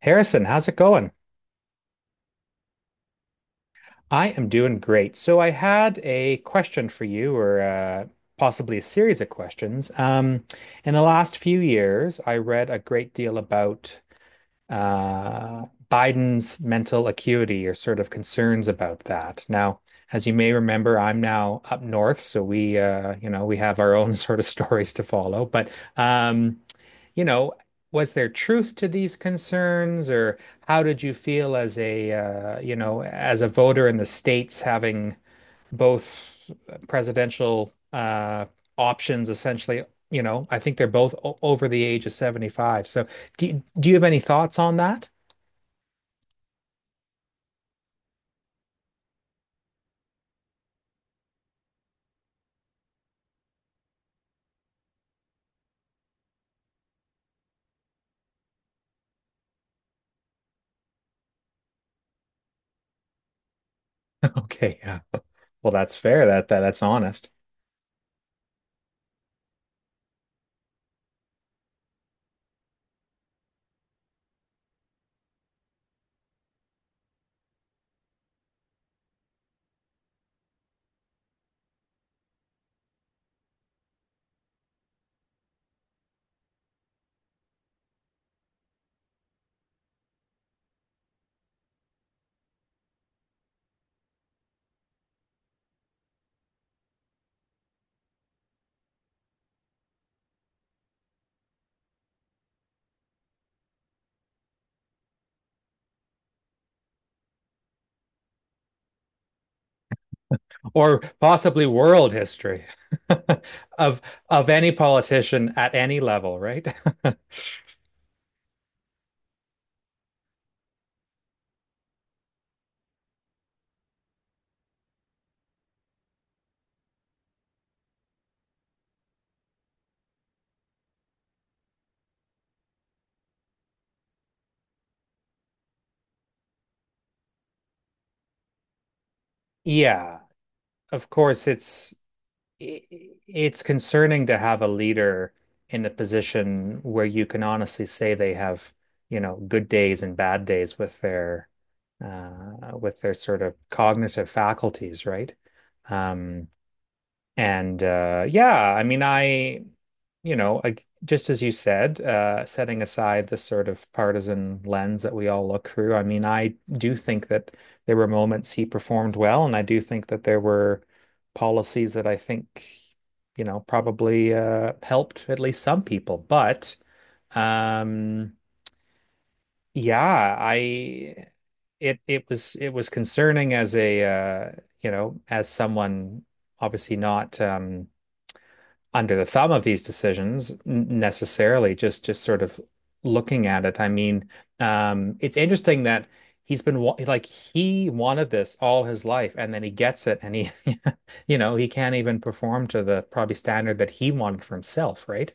Harrison, how's it going? I am doing great. So I had a question for you, or possibly a series of questions. In the last few years, I read a great deal about Biden's mental acuity or sort of concerns about that. Now, as you may remember, I'm now up north, so we have our own sort of stories to follow. But um, you know, was there truth to these concerns, or how did you feel as a voter in the States having both presidential options essentially? You know, I think they're both o over the age of 75. So do you have any thoughts on that? Okay, yeah. Well, that's fair. That's honest. Or possibly world history of of any politician at any level, right? Yeah, of course it's concerning to have a leader in the position where you can honestly say they have, you know, good days and bad days with their sort of cognitive faculties, right? Um, and yeah, I mean, I, you know, I, just as you said, setting aside the sort of partisan lens that we all look through, I mean, I do think that there were moments he performed well, and I do think that there were policies that I think, you know, probably helped at least some people. But um, yeah, I it was concerning as a you know, as someone obviously not. Under the thumb of these decisions necessarily, just sort of looking at it. I mean, it's interesting that he's been, like, he wanted this all his life, and then he gets it and he you know, he can't even perform to the probably standard that he wanted for himself, right?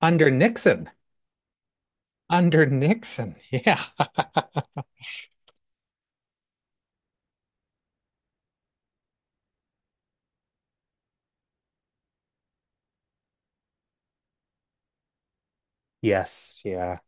Under Nixon. Under Nixon, yeah. Yes, yeah.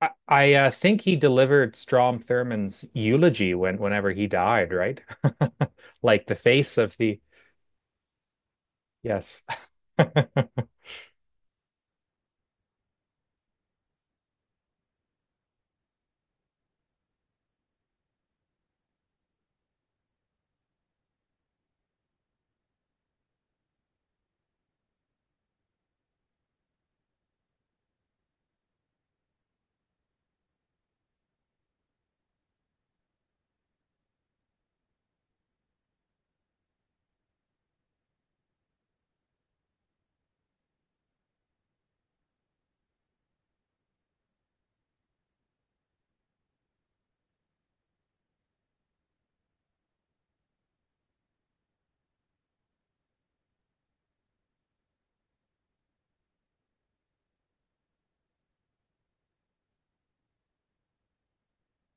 I think he delivered Strom Thurmond's eulogy when whenever he died, right? Like the face of the, yes.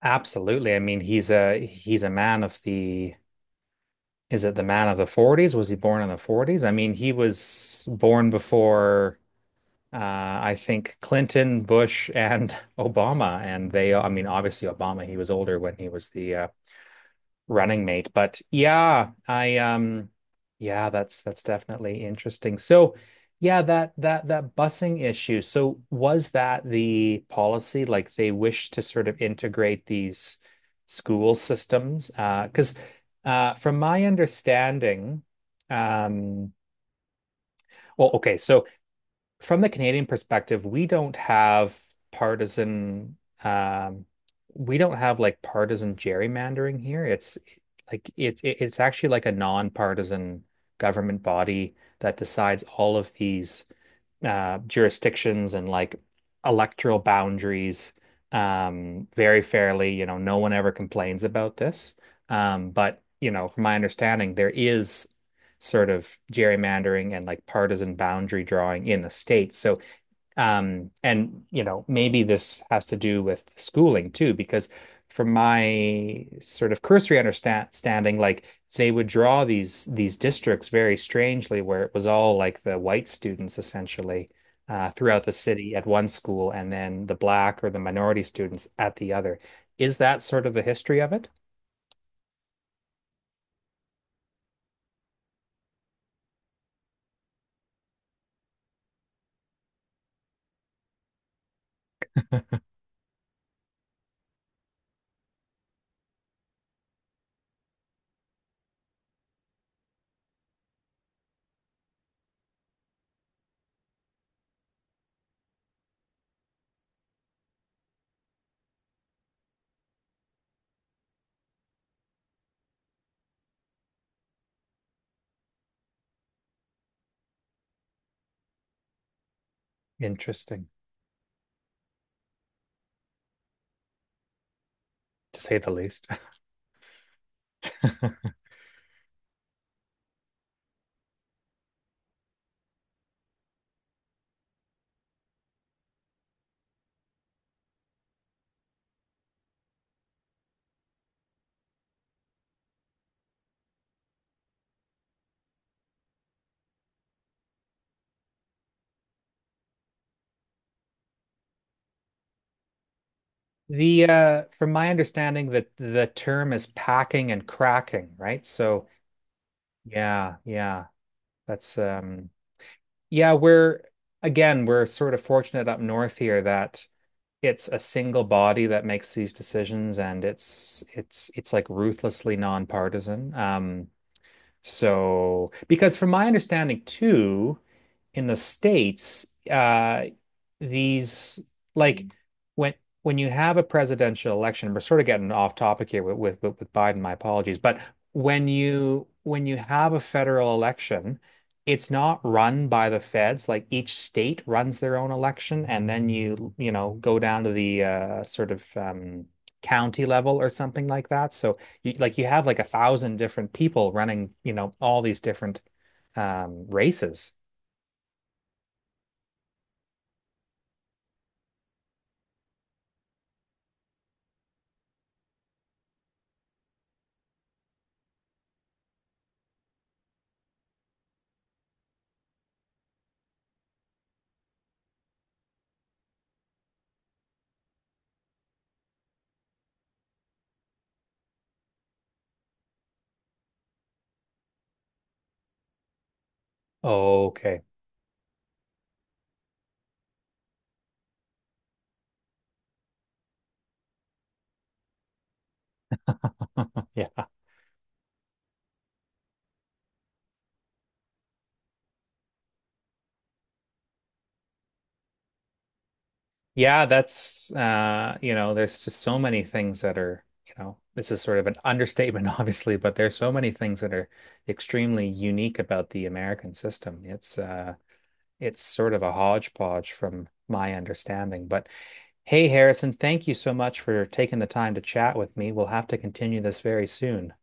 Absolutely. I mean, he's a man of the— is it the man of the 40s? Was he born in the 40s? I mean, he was born before uh, I think Clinton, Bush, and Obama. And they, I mean, obviously Obama, he was older when he was the running mate. But yeah, I yeah, that's definitely interesting. So yeah, that busing issue. So was that the policy? Like they wish to sort of integrate these school systems? Because from my understanding, um well, okay, so from the Canadian perspective, we don't have partisan— um we don't have, like, partisan gerrymandering here. It's actually like a non-partisan government body that decides all of these jurisdictions and like electoral boundaries, very fairly. You know, no one ever complains about this. But, you know, from my understanding, there is sort of gerrymandering and like partisan boundary drawing in the States. So and you know, maybe this has to do with schooling too, because from my sort of cursory understanding, like they would draw these districts very strangely, where it was all like the white students essentially throughout the city at one school, and then the black or the minority students at the other. Is that sort of the history of it? Interesting, to say the least. The from my understanding that the term is packing and cracking, right? So yeah, yeah. That's yeah, we're— again, we're sort of fortunate up north here that it's a single body that makes these decisions, and it's like ruthlessly nonpartisan. So because from my understanding too, in the States, these, like, when when you have a presidential election— we're sort of getting off topic here with with Biden, my apologies— but when you have a federal election, it's not run by the feds. Like each state runs their own election, and then you know, go down to the sort of county level or something like that. So you, like, you have like a thousand different people running, you know, all these different races. Oh, okay. Yeah. Yeah, that's you know, there's just so many things that are, you know, this is sort of an understatement, obviously, but there's so many things that are extremely unique about the American system. It's sort of a hodgepodge from my understanding. But hey, Harrison, thank you so much for taking the time to chat with me. We'll have to continue this very soon.